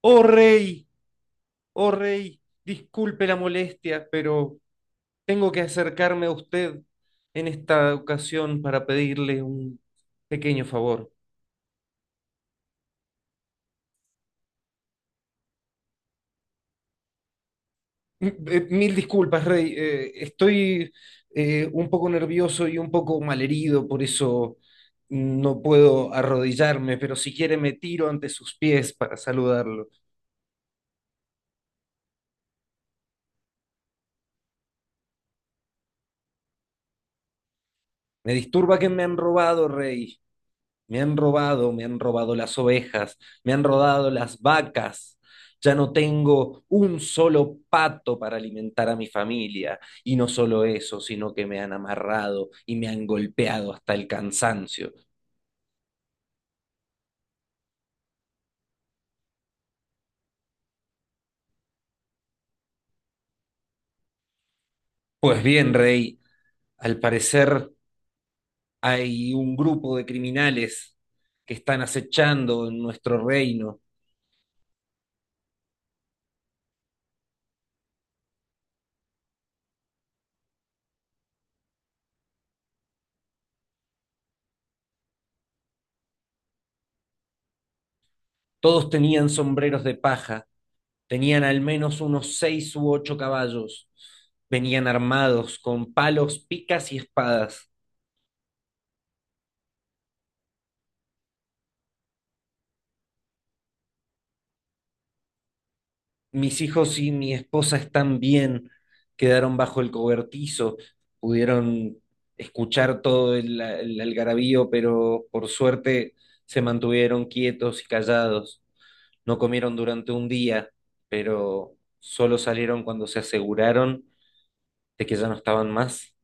Oh rey, oh rey, disculpe la molestia, pero tengo que acercarme a usted en esta ocasión para pedirle un pequeño favor. Mil disculpas, rey, estoy, un poco nervioso y un poco malherido, por eso no puedo arrodillarme, pero si quiere me tiro ante sus pies para saludarlo. Me disturba que me han robado, rey. Me han robado las ovejas, me han robado las vacas. Ya no tengo un solo pato para alimentar a mi familia. Y no solo eso, sino que me han amarrado y me han golpeado hasta el cansancio. Pues bien, rey, al parecer hay un grupo de criminales que están acechando en nuestro reino. Todos tenían sombreros de paja. Tenían al menos unos seis u ocho caballos. Venían armados con palos, picas y espadas. Mis hijos y mi esposa están bien. Quedaron bajo el cobertizo. Pudieron escuchar todo el algarabío, pero por suerte se mantuvieron quietos y callados. No comieron durante un día, pero solo salieron cuando se aseguraron de que ya no estaban más.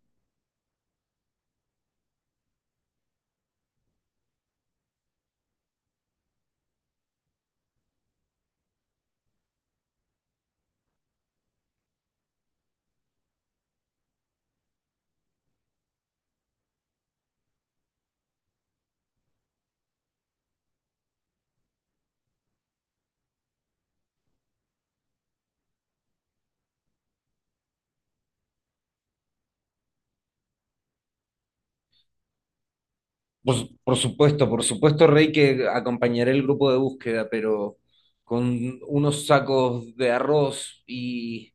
Por supuesto, Rey, que acompañaré el grupo de búsqueda, pero con unos sacos de arroz y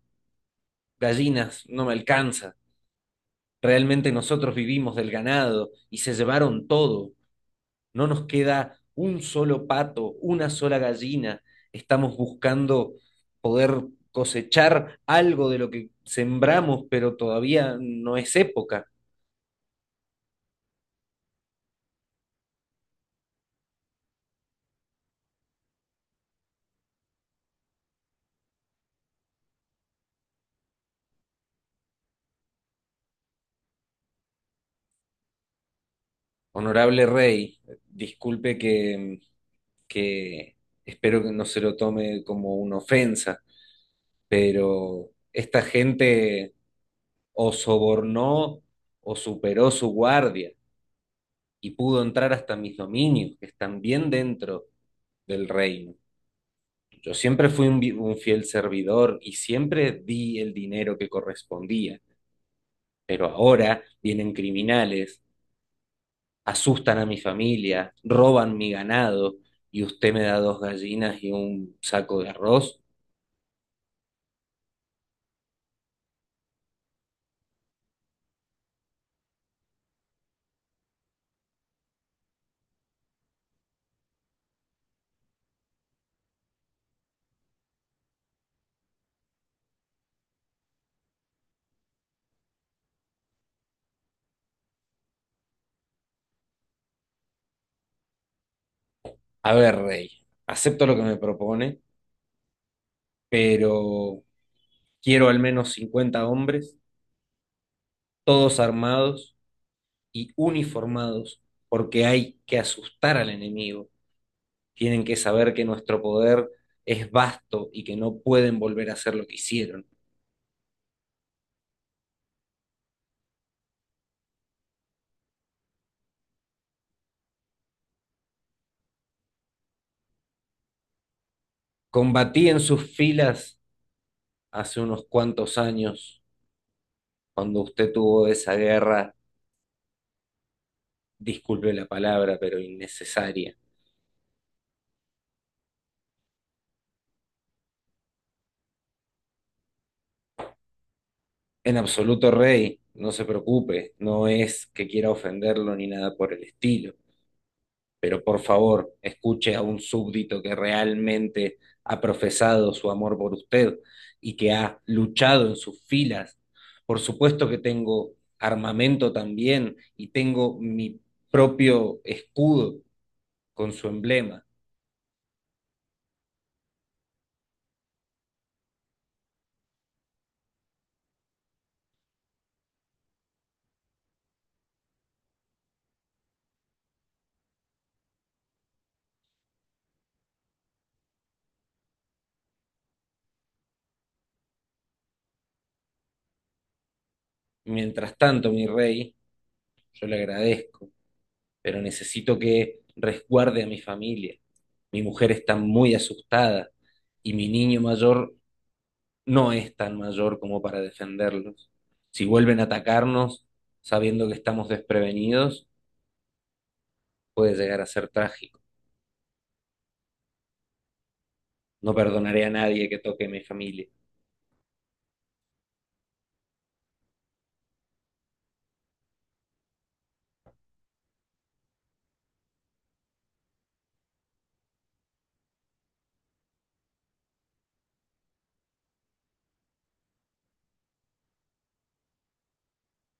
gallinas no me alcanza. Realmente nosotros vivimos del ganado y se llevaron todo. No nos queda un solo pato, una sola gallina. Estamos buscando poder cosechar algo de lo que sembramos, pero todavía no es época. Honorable Rey, disculpe que que espero que no se lo tome como una ofensa, pero esta gente o sobornó o superó su guardia y pudo entrar hasta mis dominios, que están bien dentro del reino. Yo siempre fui un fiel servidor y siempre di el dinero que correspondía, pero ahora vienen criminales, asustan a mi familia, roban mi ganado y usted me da dos gallinas y un saco de arroz. A ver, Rey, acepto lo que me propone, pero quiero al menos 50 hombres, todos armados y uniformados, porque hay que asustar al enemigo. Tienen que saber que nuestro poder es vasto y que no pueden volver a hacer lo que hicieron. Combatí en sus filas hace unos cuantos años, cuando usted tuvo esa guerra, disculpe la palabra, pero innecesaria. En absoluto, Rey, no se preocupe, no es que quiera ofenderlo ni nada por el estilo, pero por favor, escuche a un súbdito que realmente ha profesado su amor por usted y que ha luchado en sus filas. Por supuesto que tengo armamento también y tengo mi propio escudo con su emblema. Mientras tanto, mi rey, yo le agradezco, pero necesito que resguarde a mi familia. Mi mujer está muy asustada y mi niño mayor no es tan mayor como para defenderlos. Si vuelven a atacarnos sabiendo que estamos desprevenidos, puede llegar a ser trágico. No perdonaré a nadie que toque a mi familia.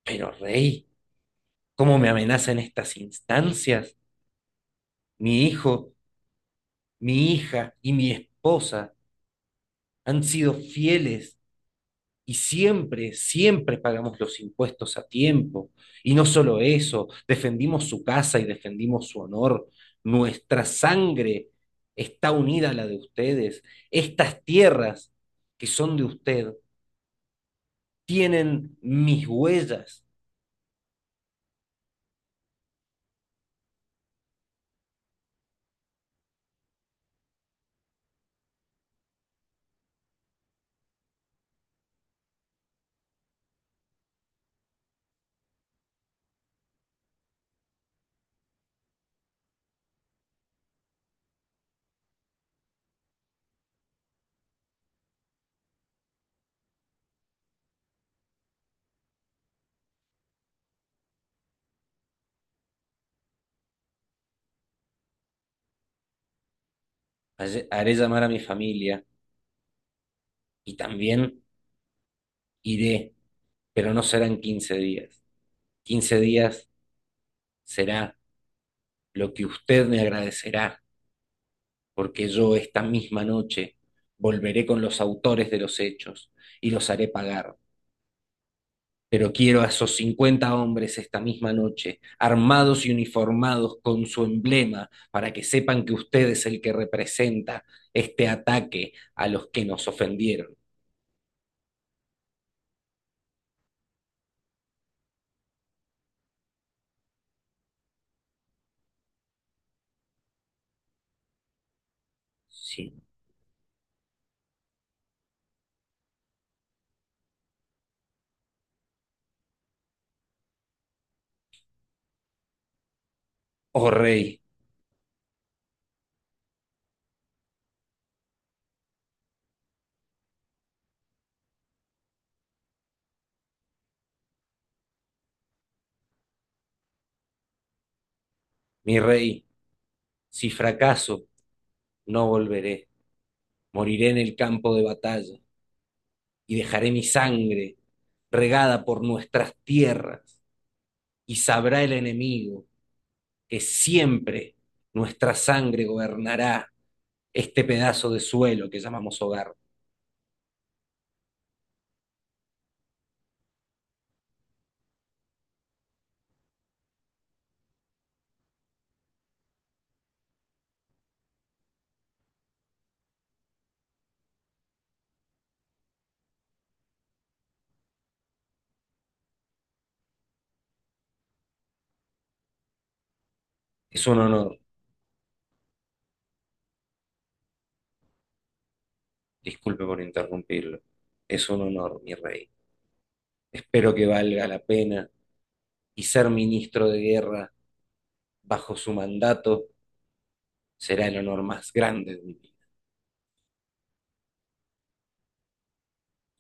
Pero, rey, ¿cómo me amenazan estas instancias? Mi hijo, mi hija y mi esposa han sido fieles. Y siempre, siempre pagamos los impuestos a tiempo. Y no solo eso, defendimos su casa y defendimos su honor. Nuestra sangre está unida a la de ustedes. Estas tierras que son de usted tienen mis huellas. Haré llamar a mi familia y también iré, pero no serán 15 días. 15 días será lo que usted me agradecerá porque yo esta misma noche volveré con los autores de los hechos y los haré pagar. Pero quiero a esos 50 hombres esta misma noche, armados y uniformados con su emblema, para que sepan que usted es el que representa este ataque a los que nos ofendieron. Sí. Oh rey, mi rey, si fracaso, no volveré. Moriré en el campo de batalla y dejaré mi sangre regada por nuestras tierras y sabrá el enemigo que siempre nuestra sangre gobernará este pedazo de suelo que llamamos hogar. Es un honor, disculpe por interrumpirlo, es un honor, mi rey. Espero que valga la pena y ser ministro de guerra bajo su mandato será el honor más grande de mi vida.